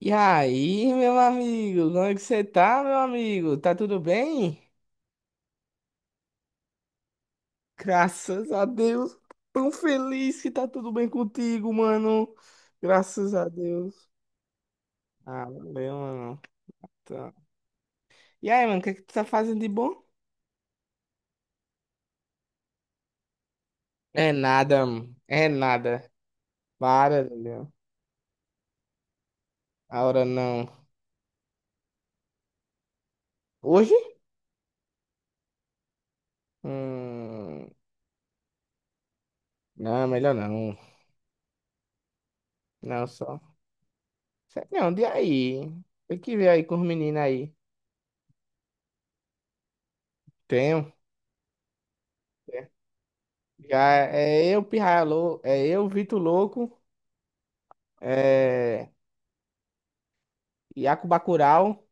E aí, meu amigo, como é que você tá, meu amigo? Tá tudo bem? Graças a Deus, tão feliz que tá tudo bem contigo, mano. Graças a Deus. Ah, valeu, mano. Tá. E aí, mano, o que é que tu tá fazendo de bom? É nada, mano. É nada. Para, meu. A hora não. Hoje? Hum, não, melhor não. Não, só. Não, de aí? Tem que ver aí com os meninos aí. Tenho. Já é eu, Vitor Louco, é Iaco Bacurau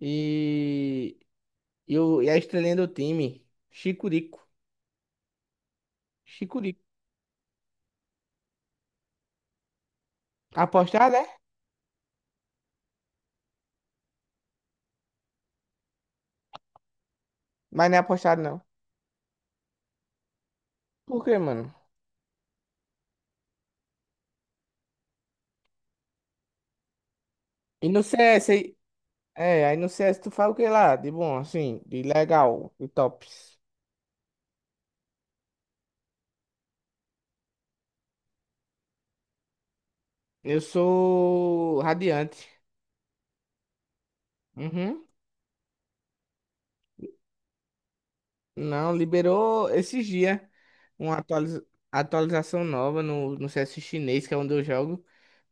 e, e a estrelinha do time, Chicurico. Chicurico. Apostado, é? Mas não é apostado, não. Por quê, mano? E no CS aí. É, aí no CS tu fala o que lá? De bom, assim, de legal, de tops. Eu sou Radiante. Uhum. Não, liberou esses dias uma atualização nova no CS chinês, que é onde eu jogo.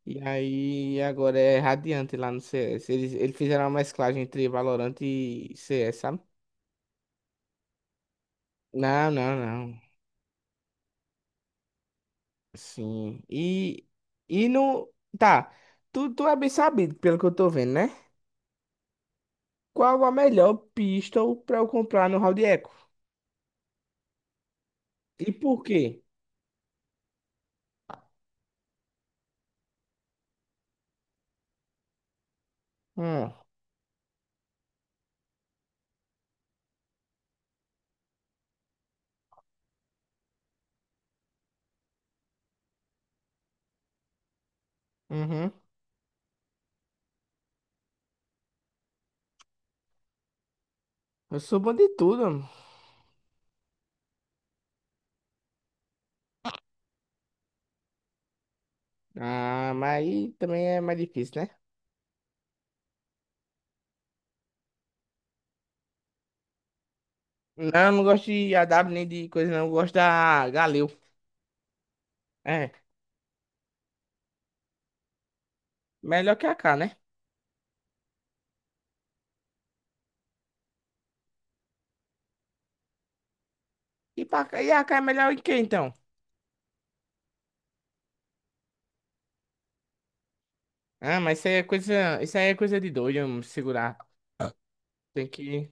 E aí agora é Radiante lá no CS. Eles fizeram uma mesclagem entre Valorant e CS, sabe? Não, não, não. Sim. E no. Tá. Tu é bem sabido, pelo que eu tô vendo, né? Qual a melhor pistol pra eu comprar no Round Echo? E por quê? Hum, uhum. Eu sou bom de tudo, mano. Ah, mas aí também é mais difícil, né? Não, eu não gosto de AW nem de coisa, não. Eu gosto da Galil. É, melhor que a K, né? E paca, e AK é melhor em quê, então? Ah, mas isso aí é coisa de doido, eu segurar. Tem que.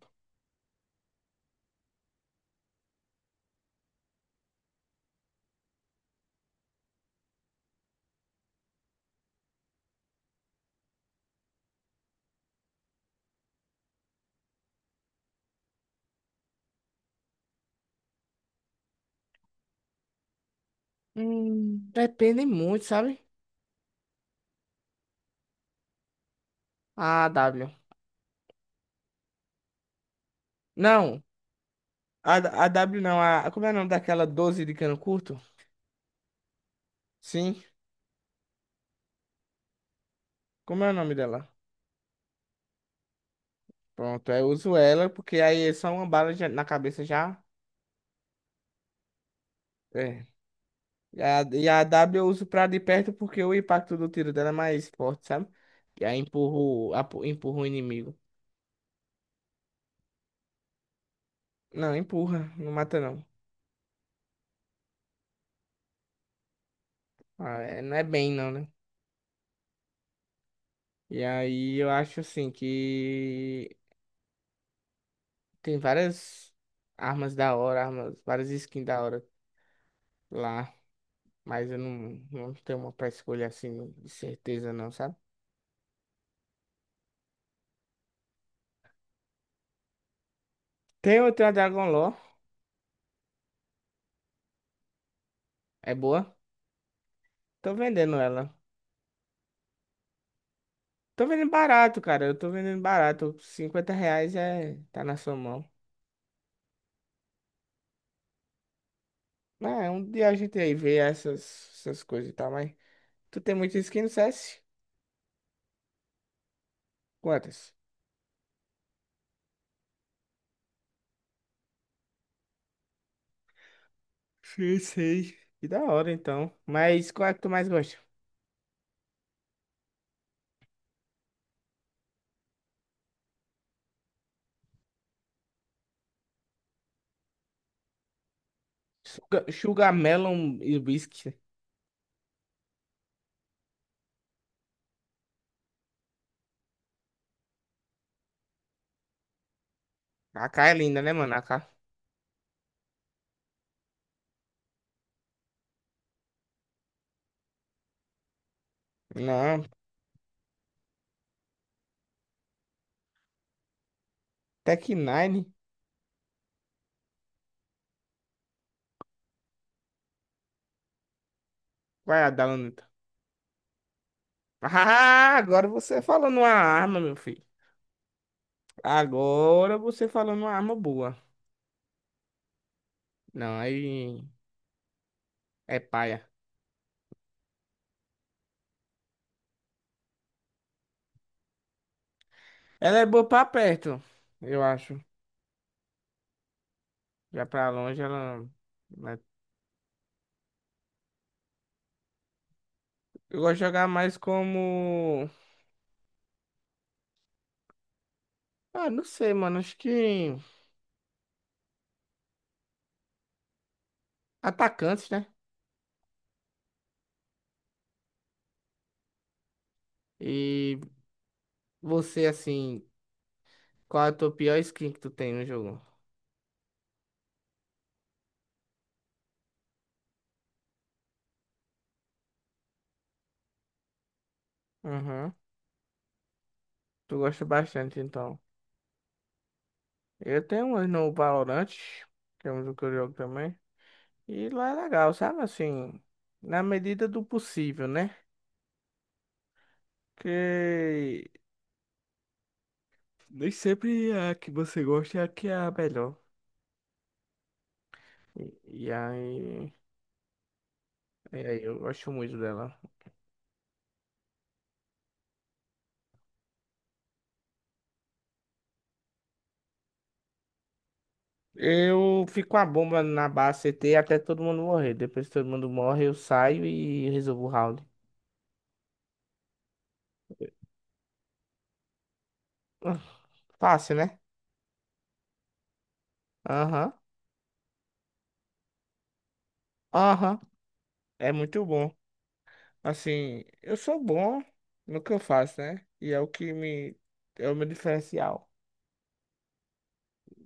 Depende muito, sabe? A W. Não, a W não, como é o nome daquela 12 de cano curto? Sim, como é o nome dela? Pronto, eu uso ela, porque aí é só uma bala na cabeça já. É. E a W eu uso pra de perto porque o impacto do tiro dela é mais forte, sabe? E aí empurro, empurro o inimigo. Não, empurra, não mata não. Ah, não é bem não, né? E aí eu acho assim que tem várias armas da hora, armas, várias skins da hora lá, mas eu não tenho uma pra escolher assim de certeza não, sabe? Tem outra a Dragon Lore, é boa. Tô vendendo ela. Tô vendendo barato, cara. Eu tô vendendo barato. 50 reais é, tá na sua mão. É, um dia a gente aí vê essas coisas e tal, mas. Tu tem muita skin no CS? Quantas? Sei, sei. Que da hora então. Mas qual é que tu mais gosta? Sugar, Sugar Melon e Whisky. AK é linda, né, mano? AK. Não, Tech Nine. Vai, Adalanta. Ah, agora você falou numa arma, meu filho. Agora você falou numa arma boa. Não, aí é paia. Ela é boa pra perto, eu acho. Já pra longe, ela. Não é- Eu gosto de jogar mais como. Ah, não sei, mano. Acho que. Atacantes, né? E você, assim. Qual é a tua pior skin que tu tem no jogo? Uhum. Tu gosta bastante, então. Eu tenho umas no Valorant, que é um que eu jogo também. E lá é legal, sabe? Assim, na medida do possível, né? Que nem sempre a que você gosta é a que é a melhor. E, e aí, e aí, eu gosto muito dela. Eu fico com a bomba na base CT até todo mundo morrer. Depois que todo mundo morre, eu saio e resolvo o round. Ah, fácil, né? Aham, aham. É muito bom. Assim, eu sou bom no que eu faço, né? E é o que me. É o meu diferencial.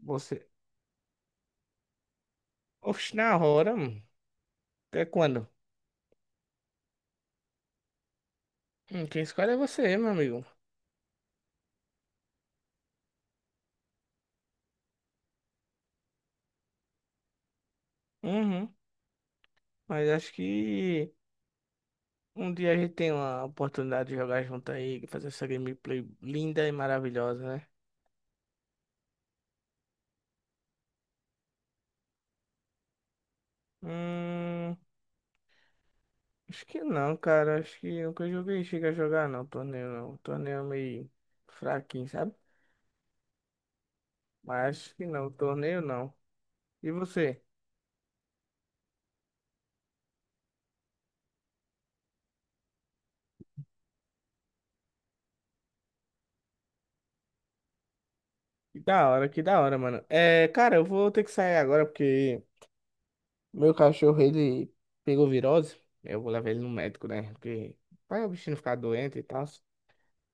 Você. Oxe, na hora, mano. Até quando? Quem escolhe é você, meu amigo. Uhum. Mas acho que um dia a gente tem uma oportunidade de jogar junto aí, fazer essa gameplay linda e maravilhosa, né? Hum. Acho que não, cara. Acho que nunca joguei. Chega a jogar, não. Torneio não. Torneio é meio fraquinho, sabe? Mas acho que não. Torneio não. E você? Que da hora, mano. É, cara, eu vou ter que sair agora porque meu cachorro, ele pegou virose. Eu vou levar ele no médico, né? Porque vai o bichinho ficar doente e tal.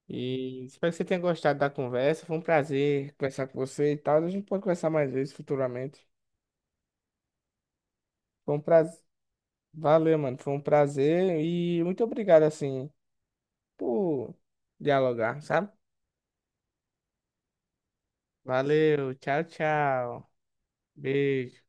E espero que você tenha gostado da conversa. Foi um prazer conversar com você e tal. A gente pode conversar mais vezes futuramente. Foi um prazer. Valeu, mano. Foi um prazer e muito obrigado, assim, por dialogar, sabe? Valeu, tchau, tchau. Beijo.